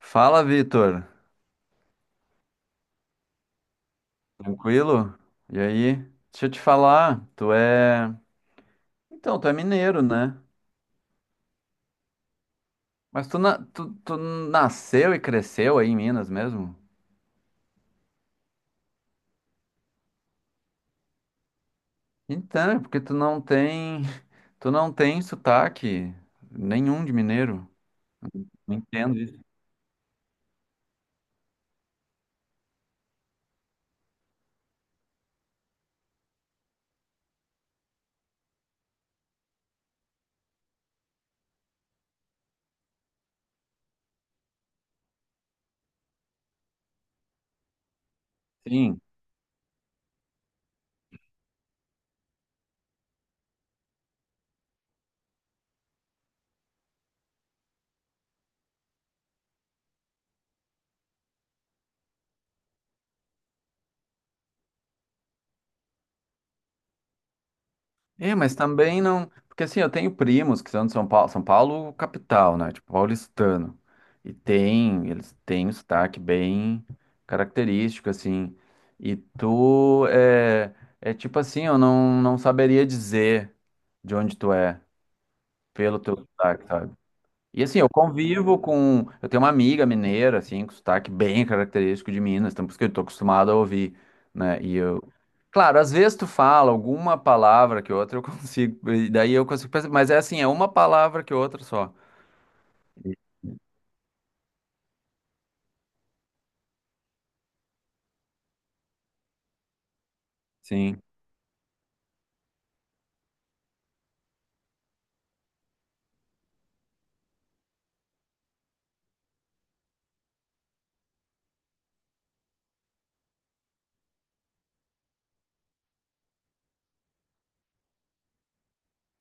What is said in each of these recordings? Fala, Vitor. Tranquilo? E aí? Deixa eu te falar, tu é. Então, tu é mineiro, né? Mas tu nasceu e cresceu aí em Minas mesmo? Então, é porque tu não tem. Tu não tem sotaque nenhum de mineiro. Não entendo isso. Sim. É, mas também não. Porque assim, eu tenho primos que são de São Paulo, São Paulo capital, né? Tipo, paulistano. E tem, eles têm um sotaque bem característico, assim. E tu é, é tipo assim, eu não saberia dizer de onde tu é pelo teu sotaque, sabe? E assim, eu convivo com. Eu tenho uma amiga mineira, assim, com sotaque bem característico de Minas, então por isso que eu tô acostumado a ouvir, né? E eu. Claro, às vezes tu fala alguma palavra que outra eu consigo, e daí eu consigo pensar, mas é assim, é uma palavra que outra só. Sim,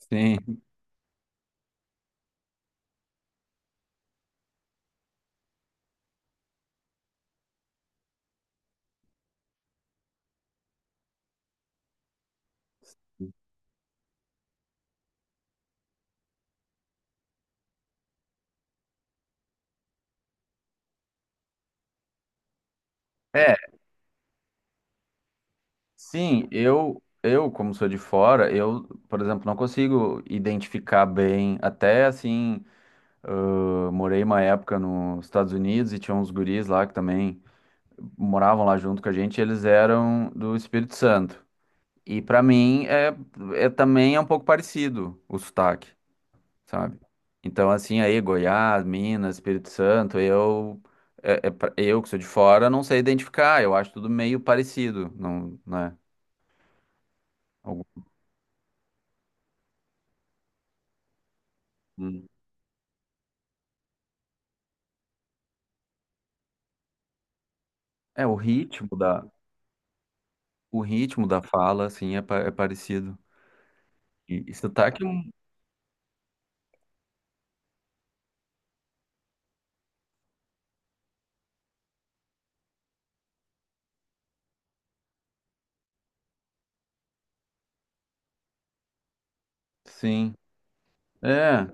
sim. É, sim, eu, como sou de fora, eu, por exemplo, não consigo identificar bem. Até assim, eu morei uma época nos Estados Unidos e tinha uns guris lá que também. Moravam lá junto com a gente, eles eram do Espírito Santo. E pra mim é também é um pouco parecido o sotaque, sabe? Então assim aí Goiás, Minas, Espírito Santo, eu é- é pra- eu que sou de fora não sei identificar, eu acho tudo meio parecido, não, né? Algum- É o ritmo da fala assim é, pa- é parecido. E, e sotaque, é um- sim. É.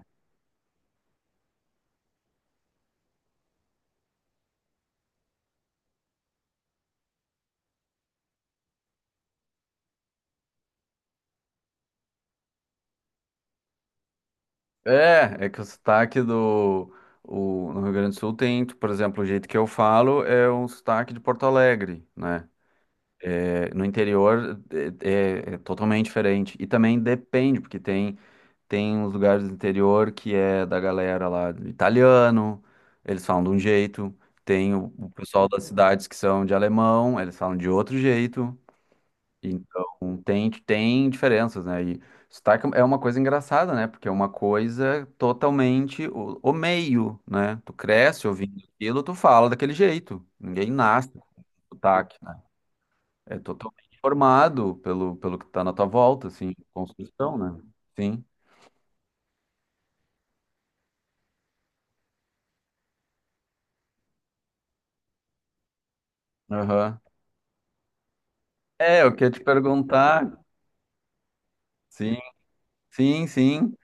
É, é que o sotaque do no Rio Grande do Sul tem, por exemplo, o jeito que eu falo é um sotaque de Porto Alegre, né? É, no interior é totalmente diferente. E também depende, tem uns lugares do interior que é da galera lá do italiano, eles falam de um jeito. Tem o pessoal das cidades que são de alemão, eles falam de outro jeito. Então, tem diferenças, né? E sotaque é uma coisa engraçada, né? Porque é uma coisa totalmente o meio, né? Tu cresce ouvindo aquilo, tu fala daquele jeito. Ninguém nasce com sotaque, né? É totalmente formado pelo que tá na tua volta, assim, construção, né? Sim. Aham. É, eu queria te perguntar. Sim, sim, sim.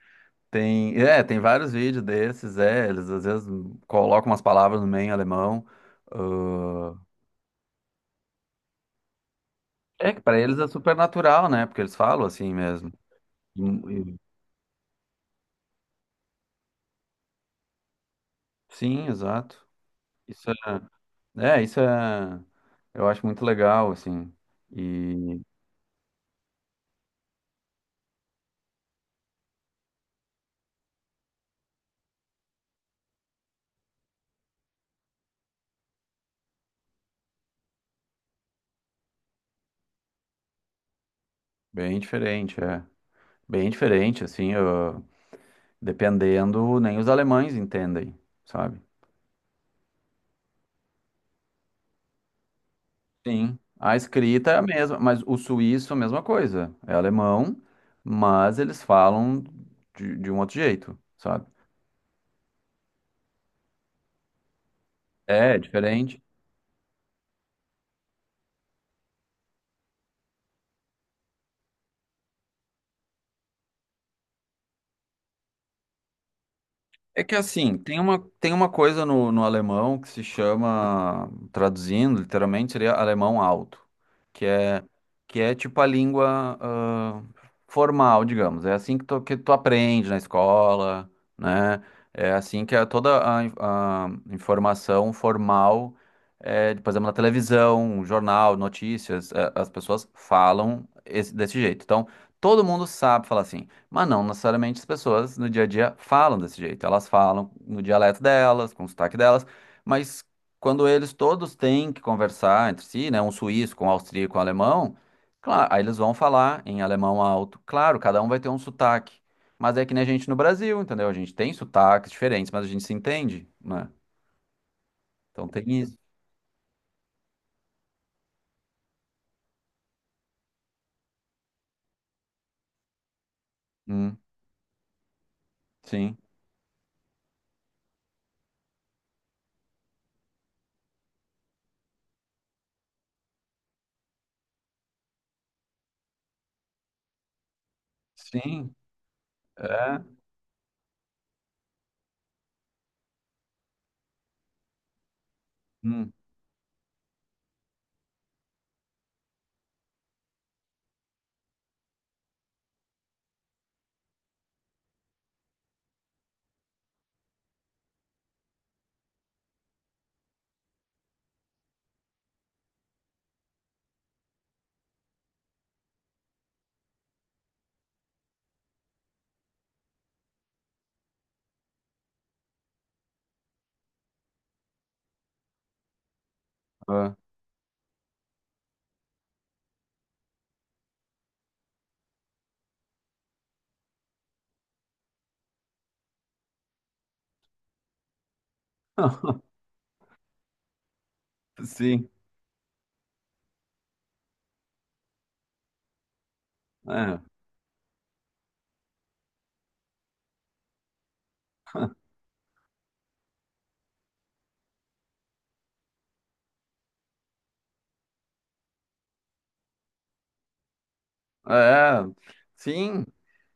É, tem vários vídeos desses, é. Eles às vezes colocam umas palavras no meio em alemão. É que pra eles é super natural, né? Porque eles falam assim mesmo. E- e- Sim, exato. Isso é, isso é, eu acho muito legal, assim, e bem diferente, é. Bem diferente, assim, dependendo, nem os alemães entendem, sabe? Sim, a escrita é a mesma, mas o suíço é a mesma coisa, é alemão, mas eles falam de um outro jeito, sabe? É, é diferente. É que assim, tem uma coisa no alemão que se chama, traduzindo, literalmente seria alemão alto, que é, que é tipo a língua ah, formal, digamos. É assim que que tu aprende na escola, né? É assim que é toda a, a informação formal, é, por exemplo, na televisão, jornal, notícias, é, as pessoas falam desse jeito. Então, todo mundo sabe falar assim. Mas não necessariamente as pessoas no dia a dia falam desse jeito. Elas falam no dialeto delas, com o sotaque delas, mas quando eles todos têm que conversar entre si, né, um suíço com um austríaco, um alemão, claro, aí eles vão falar em alemão alto. Claro, cada um vai ter um sotaque, mas é que nem a gente no Brasil, entendeu? A gente tem sotaques diferentes, mas a gente se entende, né? Então tem isso. Hum, sim. Sim. É. Hum, é. Sim. É. É, sim,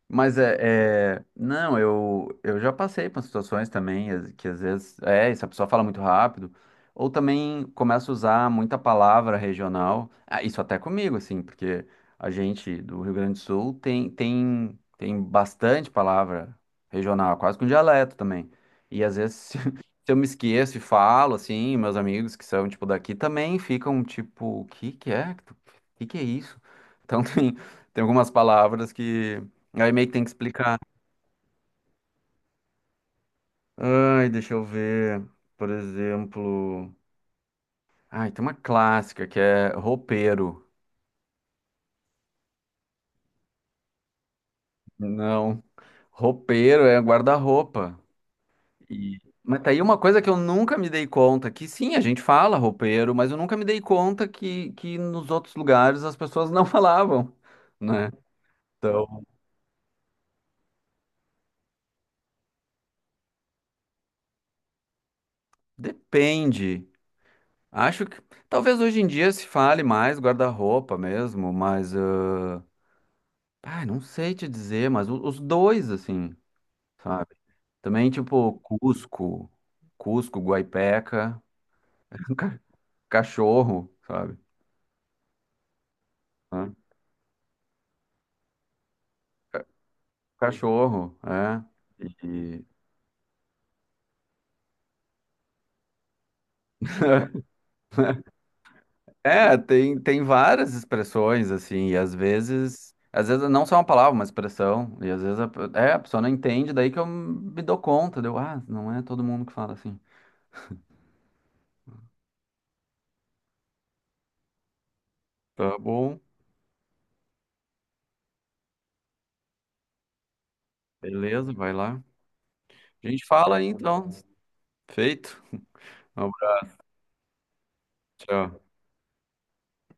mas é, não, eu já passei por situações também que às vezes é, essa pessoa fala muito rápido, ou também começa a usar muita palavra regional. Ah, isso até comigo, assim, porque a gente do Rio Grande do Sul tem, tem bastante palavra regional, quase que um dialeto também. E às vezes, se eu me esqueço e falo, assim, meus amigos que são, tipo, daqui também ficam, tipo, o que que é? O que que é isso? Então tem, tem algumas palavras que. Aí meio que tem que explicar. Ai, deixa eu ver. Por exemplo. Ai, tem uma clássica que é roupeiro. Não. Roupeiro é guarda-roupa. E... Mas tá aí uma coisa que eu nunca me dei conta, que sim, a gente fala roupeiro, mas eu nunca me dei conta que nos outros lugares as pessoas não falavam, né? Então, depende. Acho que talvez hoje em dia se fale mais guarda-roupa mesmo, mas. Ah, ai, não sei te dizer, mas os dois, assim. Sabe? Também, tipo, Cusco, Guaipeca, ca- cachorro, sabe? Hã? Ca- Cachorro, é. E- é, tem, tem várias expressões, assim, e às vezes não só uma palavra, uma expressão, e às vezes é, a pessoa não entende, daí que eu me dou conta, deu, ah, não é todo mundo que fala assim. Tá bom, beleza, vai lá. A gente fala aí, então. Feito. Um abraço, tchau.